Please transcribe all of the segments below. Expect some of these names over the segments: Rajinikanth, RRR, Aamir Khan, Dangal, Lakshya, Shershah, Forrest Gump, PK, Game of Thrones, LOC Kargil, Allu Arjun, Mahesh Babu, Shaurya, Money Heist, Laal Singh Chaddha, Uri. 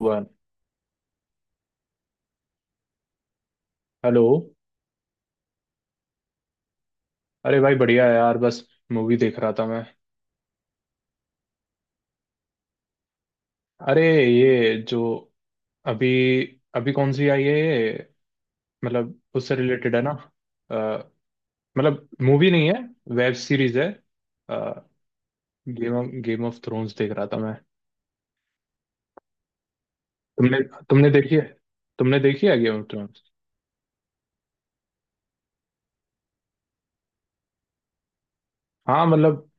One. Hello. अरे भाई, बढ़िया है यार, बस मूवी देख रहा था मैं। अरे ये जो अभी अभी कौन सी आई है ये, मतलब उससे रिलेटेड है ना। अ, मतलब मूवी नहीं है, वेब सीरीज है। गेम ऑफ थ्रोन्स देख रहा था मैं। तुमने तुमने देखी है? तुमने देखी है गेम ऑफ थ्रोन्स? हाँ, मतलब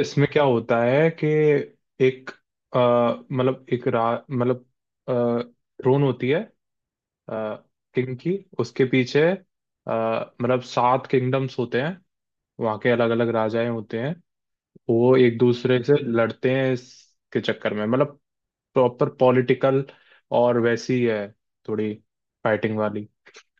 इसमें क्या होता है कि, एक अ, मतलब एक रा मतलब थ्रोन होती है किंग की, उसके पीछे। मतलब 7 किंगडम्स होते हैं, वहाँ के अलग अलग राजाएं होते हैं। वो एक दूसरे से लड़ते हैं इसके चक्कर में, मतलब प्रॉपर पॉलिटिकल और वैसी है, थोड़ी फाइटिंग वाली,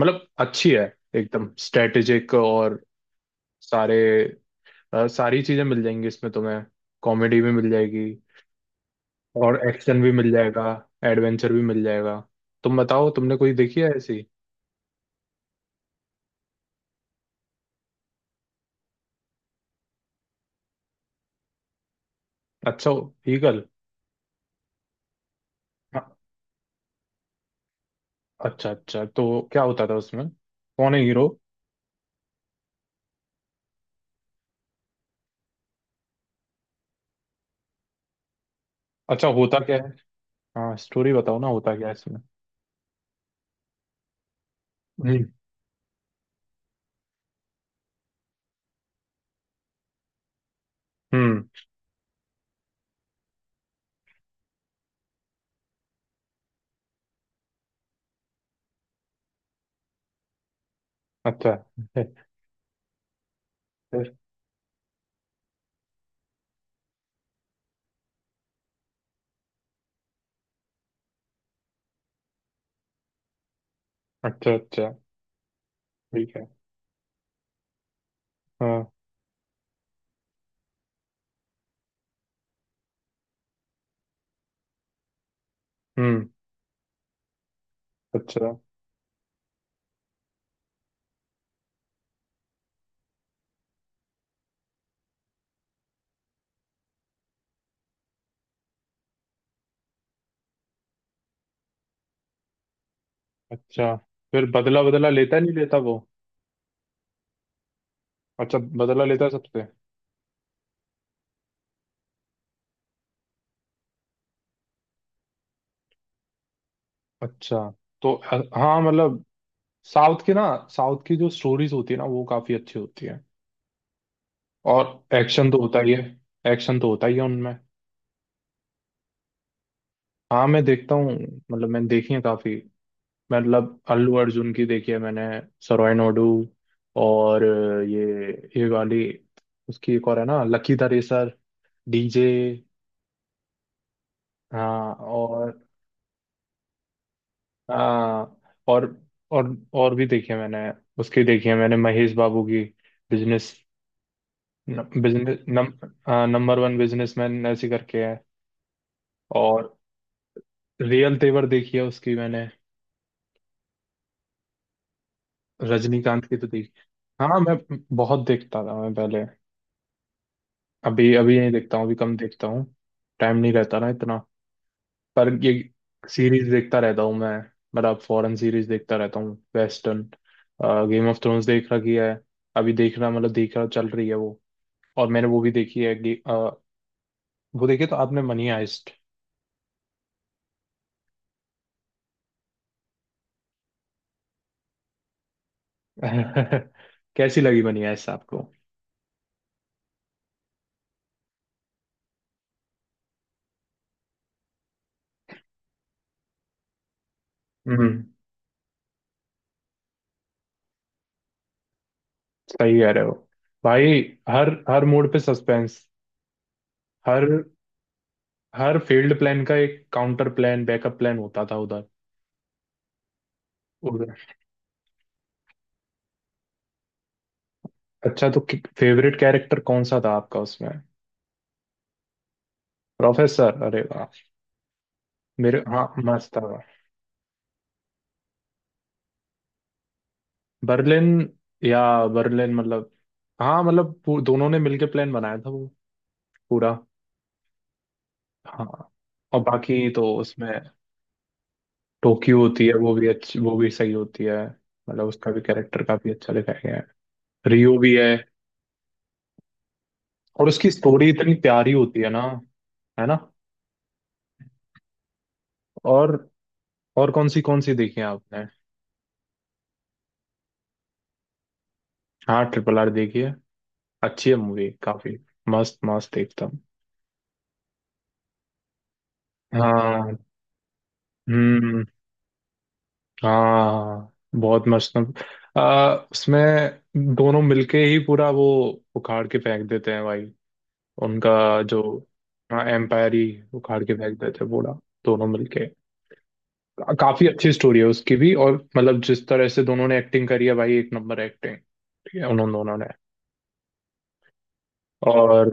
मतलब अच्छी है। एकदम स्ट्रेटेजिक और सारे, सारी चीजें मिल जाएंगी इसमें तुम्हें। कॉमेडी भी मिल जाएगी और एक्शन भी मिल जाएगा, एडवेंचर भी मिल जाएगा। तुम बताओ, तुमने कोई देखी है ऐसी? अच्छा, ईगल? अच्छा अच्छा, तो क्या होता था उसमें? कौन है हीरो? अच्छा, होता क्या है? हाँ, स्टोरी बताओ ना, होता क्या है इसमें? हम्म। हम्म। अच्छा। फिर? अच्छा अच्छा। ठीक है। हाँ। हम्म। अच्छा अच्छा। फिर, बदला बदला लेता नहीं लेता वो? अच्छा, बदला लेता है सबसे। अच्छा। तो हाँ, मतलब साउथ की ना, साउथ की जो स्टोरीज होती है ना वो काफी अच्छी होती है। और एक्शन तो होता ही है, एक्शन तो होता ही है उनमें। हाँ, मैं देखता हूँ, मतलब मैंने देखी है काफी। मतलब अल्लू अर्जुन की देखी है मैंने, सरोय नोडू। और ये ये वाली, उसकी एक और है ना, लकी द रेसर, डीजे। हाँ। और हाँ, और और भी देखी है मैंने। उसकी देखी है मैंने, महेश बाबू की, बिजनेस। बिजनेस हाँ, नंबर वन बिजनेसमैन ऐसी करके है। और रियल तेवर देखी है उसकी मैंने, रजनीकांत की तो देखी। हाँ, मैं बहुत देखता था मैं पहले, अभी अभी नहीं देखता हूँ, अभी कम देखता हूँ। टाइम नहीं रहता ना इतना। पर ये सीरीज देखता रहता हूँ मैं, मतलब फॉरेन सीरीज देखता रहता हूँ, वेस्टर्न। गेम ऑफ थ्रोन्स देख रखी है, अभी देखना मतलब देख रहा, चल रही है वो। और मैंने वो भी देखी है, वो देखी तो आपने मनी हाइस्ट? कैसी लगी मनी हाइस्ट आपको? हम्म। सही कह रहे हो भाई, हर हर मोड पे सस्पेंस। हर हर फील्ड, प्लान का एक काउंटर प्लान, बैकअप प्लान होता था उधर। अच्छा, तो फेवरेट कैरेक्टर कौन सा था आपका उसमें? प्रोफेसर, अरे वाह। मेरे, हाँ, मस्त था। बर्लिन या बर्लिन, मतलब, हाँ मतलब, दोनों ने मिलके प्लान बनाया था वो पूरा। हाँ। और बाकी तो उसमें टोक्यो होती है, वो भी अच्छी, वो भी सही होती है। मतलब उसका भी कैरेक्टर काफी अच्छा दिखाया गया है। रियो भी है। और उसकी स्टोरी इतनी प्यारी होती है ना, है ना। और और कौन सी देखी है आपने? हाँ, RRR देखी है, अच्छी है मूवी काफी। मस्त मस्त एकदम। हाँ। हम्म। हाँ, बहुत मस्त। उसमें दोनों मिलके ही पूरा वो उखाड़ के फेंक देते हैं भाई। उनका जो, हाँ एम्पायर ही, उखाड़ के फेंक देते हैं पूरा, दोनों मिलके। काफी अच्छी स्टोरी है उसकी भी। और मतलब जिस तरह से दोनों ने एक्टिंग करी है भाई, एक नंबर एक्टिंग। ठीक है उन्होंने दोनों ने। और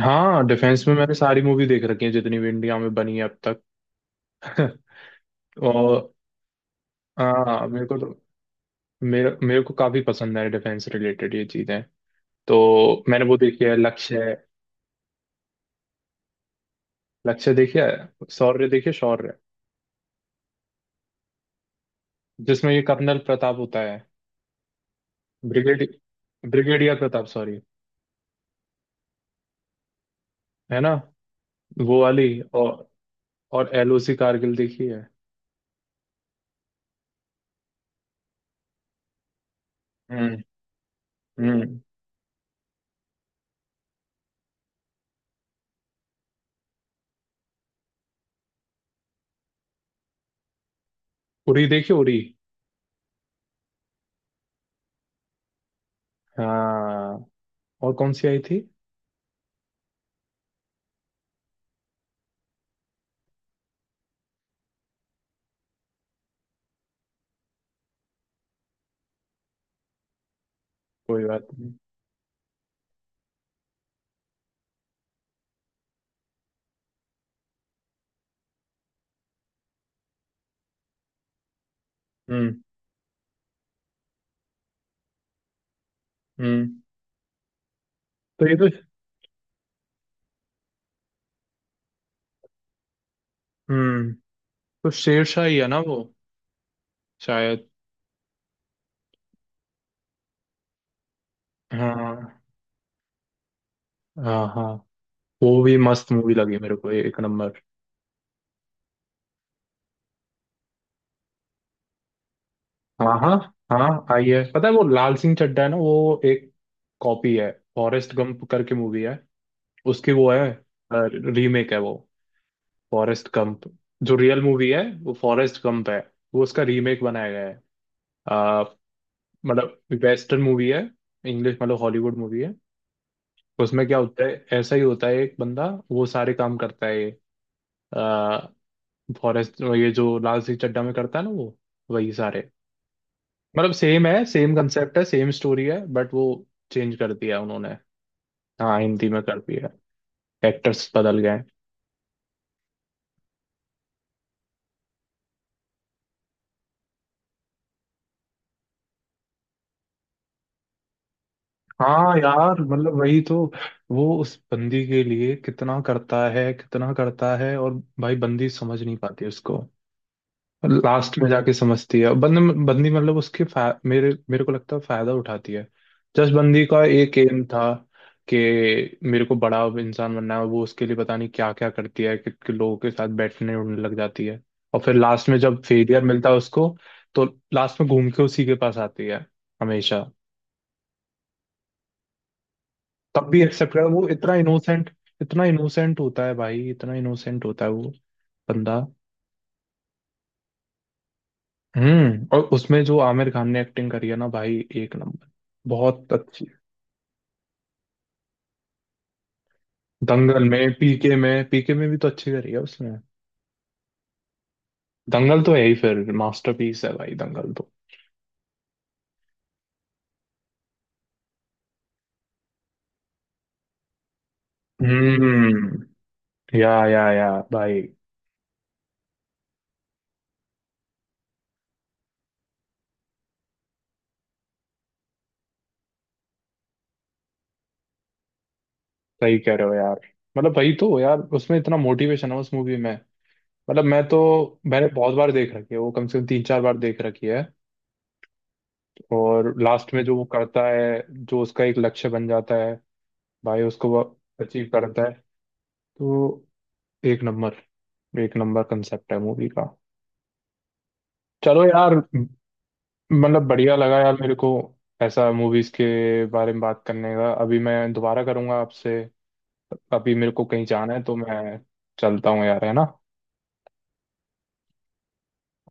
हाँ, डिफेंस में मैंने सारी मूवी देख रखी है, जितनी भी इंडिया में बनी है अब तक। और हाँ, मेरे को तो, मेरे मेरे को काफी पसंद है डिफेंस रिलेटेड ये चीजें। तो मैंने वो देखी है, लक्ष्य। लक्ष्य देखी है, शौर्य देखी है, शौर्य, जिसमें ये कर्नल प्रताप होता है, ब्रिगेड ब्रिगेडियर प्रताप सॉरी, है ना वो वाली। और और एलओसी कारगिल देखी है। हम्म। हम्म। उरी देखी, उरी। हाँ। और कौन सी आई थी? कोई बात नहीं। हम्म। हम्म। तो ये तो। हम्म। तो शेरशाह ही है ना वो, शायद। हाँ हाँ हाँ, वो भी मस्त मूवी लगी मेरे को, एक नंबर। हाँ हाँ हाँ, आई है पता है। वो लाल सिंह चड्ढा है ना वो, एक कॉपी है। फॉरेस्ट गंप करके मूवी है, उसकी वो है, रीमेक है वो। फॉरेस्ट गंप जो रियल मूवी है, वो फॉरेस्ट गंप है, वो उसका रीमेक बनाया गया है। आ, मतलब वेस्टर्न मूवी है, इंग्लिश मतलब हॉलीवुड मूवी है। उसमें क्या होता है, ऐसा ही होता है, एक बंदा वो सारे काम करता है आ, फॉरेस्ट, ये जो लाल सिंह चड्ढा में करता है ना वो वही सारे, मतलब सेम है, सेम कंसेप्ट है, सेम स्टोरी है, बट वो चेंज कर दिया है उन्होंने। हाँ, हिंदी में कर दिया, एक्टर्स बदल गए हैं। हाँ यार, मतलब वही तो, वो उस बंदी के लिए कितना करता है, कितना करता है। और भाई, बंदी समझ नहीं पाती उसको, लास्ट में जाके समझती है। बंदी मतलब मेरे मेरे को लगता है, फायदा उठाती है। जस्ट बंदी का एक एम था कि मेरे को बड़ा इंसान बनना है, वो उसके लिए पता नहीं क्या क्या करती है, कि लोगों के साथ बैठने उठने लग जाती है। और फिर लास्ट में जब फेलियर मिलता है उसको, तो लास्ट में घूम के उसी के पास आती है हमेशा। तब भी एक्सेप्ट कर, वो इतना इनोसेंट, इतना इनोसेंट होता है भाई, इतना इनोसेंट होता है वो बंदा। हम्म। और उसमें जो आमिर खान ने एक्टिंग करी है ना भाई, एक नंबर, बहुत अच्छी। दंगल में, पीके में, पीके में भी तो अच्छी करी है उसने। दंगल तो है ही, फिर मास्टरपीस है भाई दंगल तो। हम्म। या भाई, सही कह रहे हो यार। मतलब भाई तो यार, उसमें इतना मोटिवेशन है उस मूवी में। मतलब मैं तो, मैंने बहुत बार देख रखी है वो, कम से कम 3-4 बार देख रखी है। और लास्ट में जो वो करता है, जो उसका एक लक्ष्य बन जाता है भाई, उसको वो अचीव करता है। तो एक नंबर, एक नंबर कंसेप्ट है मूवी का। चलो यार, मतलब बढ़िया लगा यार मेरे को, ऐसा मूवीज के बारे में बात करने का। अभी मैं दोबारा करूंगा आपसे, अभी मेरे को कहीं जाना है तो मैं चलता हूँ यार, है ना।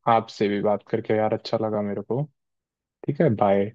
आपसे भी बात करके यार अच्छा लगा मेरे को। ठीक है, बाय।